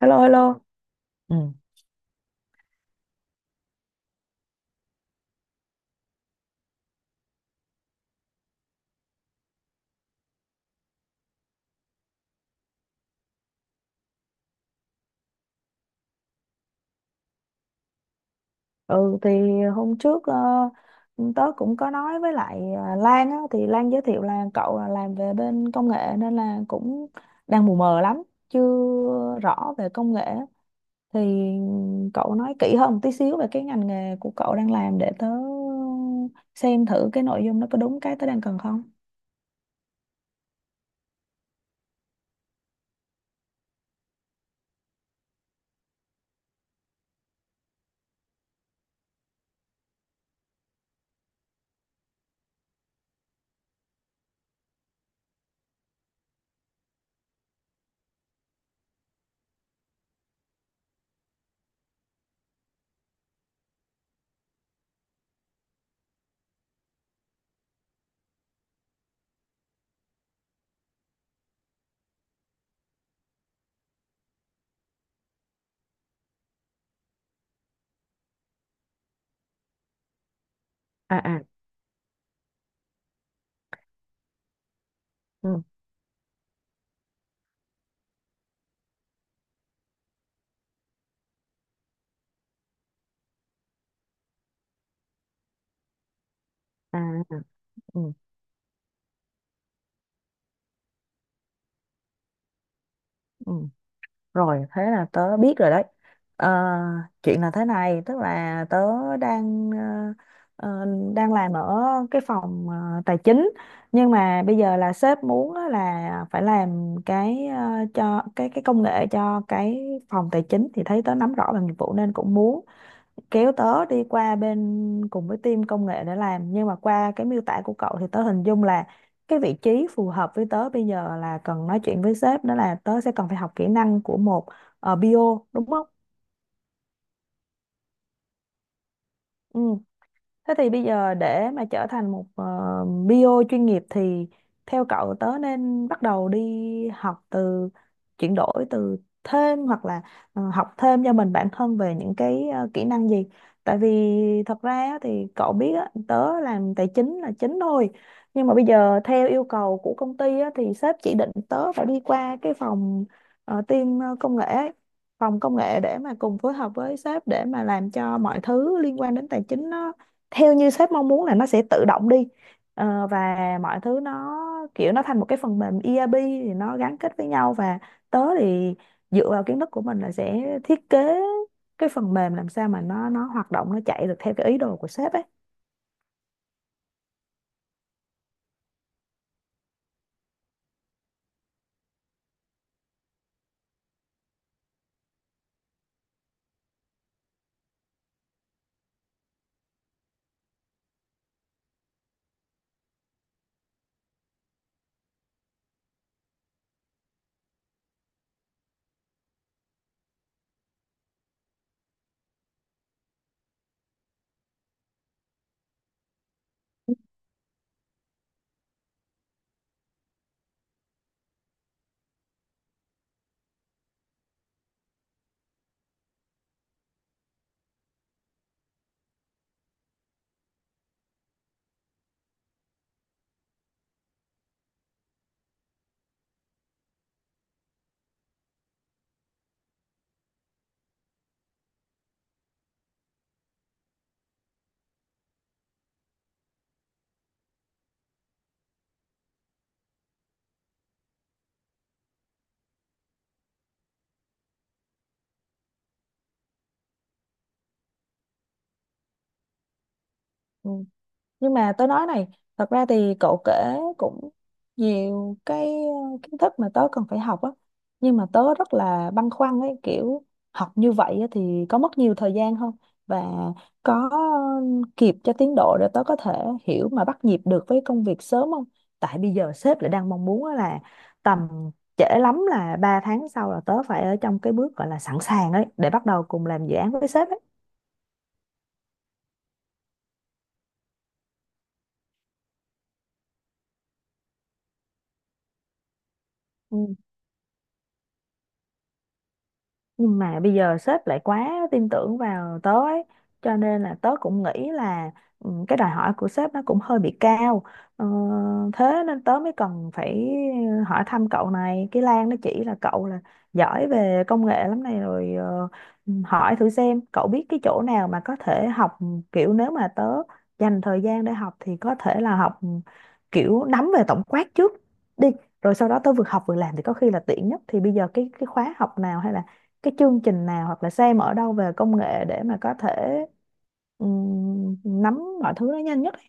Hello, hello. ừ Ừ thì hôm trước tớ cũng có nói với lại Lan á, thì Lan giới thiệu là cậu là làm về bên công nghệ nên là cũng đang mù mờ lắm, chưa rõ về công nghệ. Thì cậu nói kỹ hơn một tí xíu về cái ngành nghề của cậu đang làm để tớ xem thử cái nội dung nó có đúng cái tớ đang cần không? à à ừ à à, ừ ừ Rồi, thế là tớ biết rồi đấy. Ờ, Chuyện là thế này, tức là tớ đang ờ, đang làm ở cái phòng tài chính, nhưng mà bây giờ là sếp muốn á là phải làm cái cho cái công nghệ cho cái phòng tài chính thì thấy tớ nắm rõ về nghiệp vụ nên cũng muốn kéo tớ đi qua bên cùng với team công nghệ để làm, nhưng mà qua cái miêu tả của cậu thì tớ hình dung là cái vị trí phù hợp với tớ bây giờ là cần nói chuyện với sếp, đó là tớ sẽ cần phải học kỹ năng của một BO đúng không? Ừ. Thế thì bây giờ để mà trở thành một bio chuyên nghiệp thì theo cậu tớ nên bắt đầu đi học từ chuyển đổi từ thêm hoặc là học thêm cho mình bản thân về những cái kỹ năng gì? Tại vì thật ra á thì cậu biết á, tớ làm tài chính là chính thôi. Nhưng mà bây giờ theo yêu cầu của công ty á, thì sếp chỉ định tớ phải đi qua cái phòng công nghệ ấy, phòng công nghệ để mà cùng phối hợp với sếp để mà làm cho mọi thứ liên quan đến tài chính theo như sếp mong muốn là nó sẽ tự động đi. Ờ, và mọi thứ nó kiểu nó thành một cái phần mềm ERP thì nó gắn kết với nhau, và tớ thì dựa vào kiến thức của mình là sẽ thiết kế cái phần mềm làm sao mà nó hoạt động, nó chạy được theo cái ý đồ của sếp ấy. Ừ, nhưng mà tớ nói này, thật ra thì cậu kể cũng nhiều cái kiến thức mà tớ cần phải học á, nhưng mà tớ rất là băn khoăn ấy, kiểu học như vậy á, thì có mất nhiều thời gian không, và có kịp cho tiến độ để tớ có thể hiểu mà bắt nhịp được với công việc sớm không, tại bây giờ sếp lại đang mong muốn á là tầm trễ lắm là 3 tháng sau là tớ phải ở trong cái bước gọi là sẵn sàng ấy để bắt đầu cùng làm dự án với sếp ấy. Nhưng mà bây giờ sếp lại quá tin tưởng vào tớ ấy, cho nên là tớ cũng nghĩ là ừ, cái đòi hỏi của sếp nó cũng hơi bị cao. ờ, Thế nên tớ mới cần phải hỏi thăm cậu này, cái Lan nó chỉ là cậu là giỏi về công nghệ lắm này, rồi hỏi thử xem cậu biết cái chỗ nào mà có thể học, kiểu nếu mà tớ dành thời gian để học thì có thể là học kiểu nắm về tổng quát trước đi, rồi sau đó tớ vừa học vừa làm thì có khi là tiện nhất. Thì bây giờ cái khóa học nào hay là cái chương trình nào hoặc là xem ở đâu về công nghệ để mà có thể nắm mọi thứ nó nhanh nhất ấy.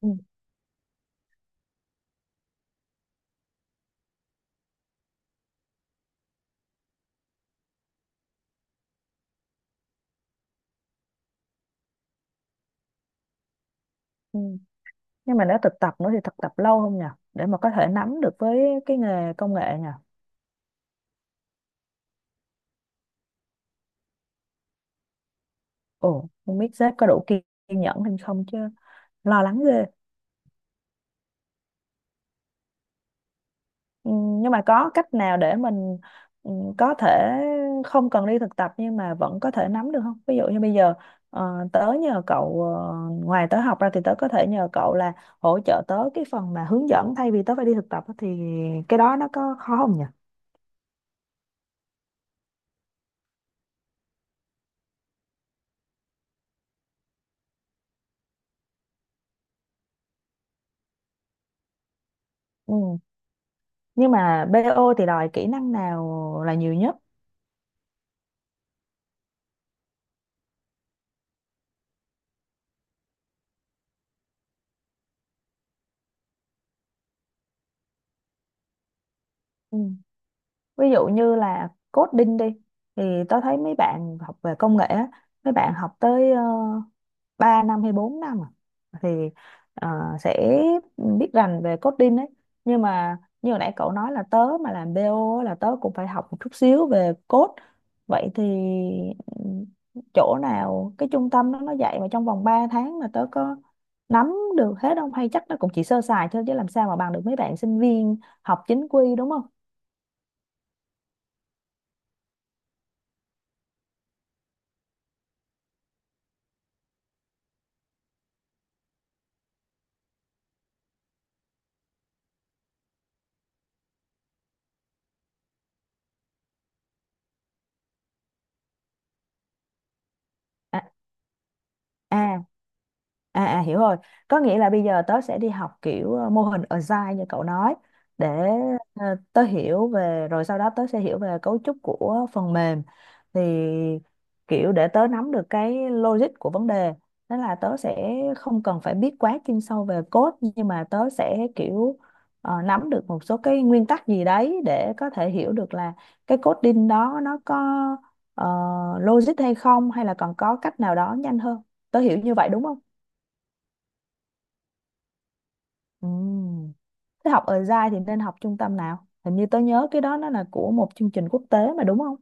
Ừ. Ừ. Nhưng mà nếu thực tập nữa thì thực tập lâu không nhỉ? Để mà có thể nắm được với cái nghề công nghệ nhỉ? Ồ, không biết sếp có đủ kiên nhẫn hay không chứ, lo lắng ghê. Ừ, nhưng mà có cách nào để mình ừ, có thể không cần đi thực tập nhưng mà vẫn có thể nắm được không? Ví dụ như bây giờ tớ nhờ cậu ngoài tớ học ra thì tớ có thể nhờ cậu là hỗ trợ tớ cái phần mà hướng dẫn thay vì tớ phải đi thực tập á, thì cái đó nó có khó không nhỉ? Ừ. Nhưng mà BO thì đòi kỹ năng nào là nhiều nhất? Ừ. Ví dụ như là coding đi, thì tớ thấy mấy bạn học về công nghệ á, mấy bạn học tới 3 năm hay 4 năm à, thì ờ, sẽ biết rành về coding ấy, nhưng mà như hồi nãy cậu nói là tớ mà làm BO là tớ cũng phải học một chút xíu về code, vậy thì ừ, chỗ nào cái trung tâm đó nó dạy mà trong vòng 3 tháng mà tớ có nắm được hết không, hay chắc nó cũng chỉ sơ sài thôi chứ làm sao mà bằng được mấy bạn sinh viên học chính quy đúng không? À, à à, à hiểu rồi, có nghĩa là bây giờ tớ sẽ đi học kiểu mô hình Agile như cậu nói để tớ hiểu về, rồi sau đó tớ sẽ hiểu về cấu trúc của phần mềm, thì kiểu để tớ nắm được cái logic của vấn đề, nên là tớ sẽ không cần phải biết quá chuyên sâu về code nhưng mà tớ sẽ kiểu nắm được một số cái nguyên tắc gì đấy để có thể hiểu được là cái coding đó nó có ờ, logic hay không, hay là còn có cách nào đó nhanh hơn. Tớ hiểu như vậy đúng không? Ừm. Thế học ở dai thì nên học trung tâm nào, hình như tớ nhớ cái đó nó là của một chương trình quốc tế mà đúng không?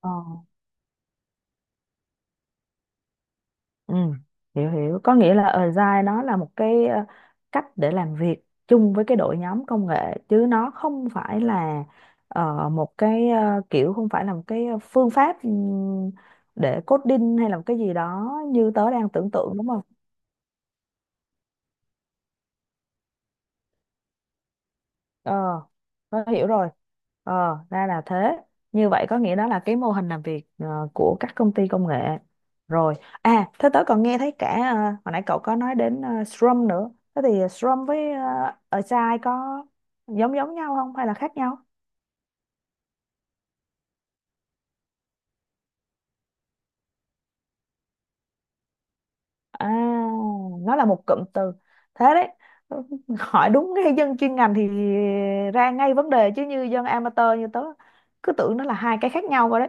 Ờ, ừ, hiểu hiểu. Có nghĩa là Agile nó là một cái cách để làm việc chung với cái đội nhóm công nghệ chứ nó không phải là kiểu không phải là một cái phương pháp để coding hay là một cái gì đó như tớ đang tưởng tượng đúng không? ờ nó hiểu rồi, ờ ra là thế. Như vậy có nghĩa đó là cái mô hình làm việc của các công ty công nghệ rồi. À, thế tớ còn nghe thấy cả hồi nãy cậu có nói đến Scrum nữa, thế thì Scrum với Agile có giống giống nhau không hay là khác nhau? À, nó là một cụm từ, thế đấy, hỏi đúng ngay dân chuyên ngành thì ra ngay vấn đề chứ như dân amateur như tớ cứ tưởng nó là hai cái khác nhau rồi đấy.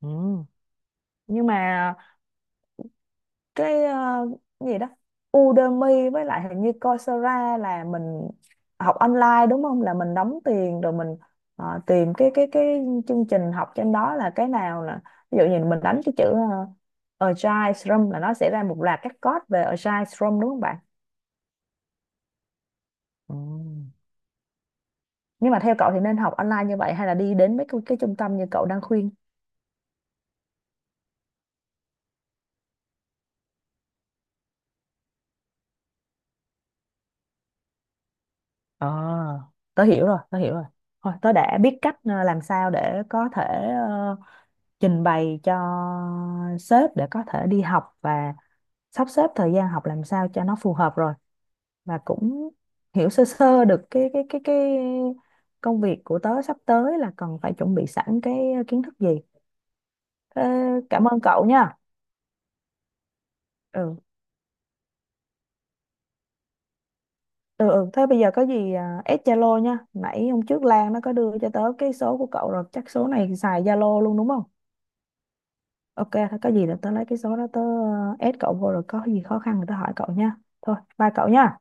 Ừ. Nhưng mà cái gì đó Udemy với lại hình như Coursera là mình học online đúng không, là mình đóng tiền rồi mình tìm cái chương trình học trên đó là cái nào, là ví dụ như mình đánh cái chữ Agile Scrum là nó sẽ ra một loạt các code về Agile Scrum đúng không bạn? Ừ, nhưng mà theo cậu thì nên học online như vậy hay là đi đến mấy cái trung tâm như cậu đang khuyên? À. Tớ hiểu rồi, tớ hiểu rồi, thôi tớ đã biết cách làm sao để có thể ờ, trình bày cho sếp để có thể đi học và sắp xếp thời gian học làm sao cho nó phù hợp rồi, và cũng hiểu sơ sơ được cái công việc của tớ sắp tới là cần phải chuẩn bị sẵn cái kiến thức gì. Thế cảm ơn cậu nha. Ừ. Ừ, ừ. Thế bây giờ có gì à, add Zalo nha. Nãy hôm trước Lan nó có đưa cho tớ cái số của cậu rồi, chắc số này xài Zalo luôn đúng không? Ok, thôi có gì là tớ lấy cái số đó tớ add cậu vô rồi có gì khó khăn thì tớ hỏi cậu nha. Thôi, bye cậu nha.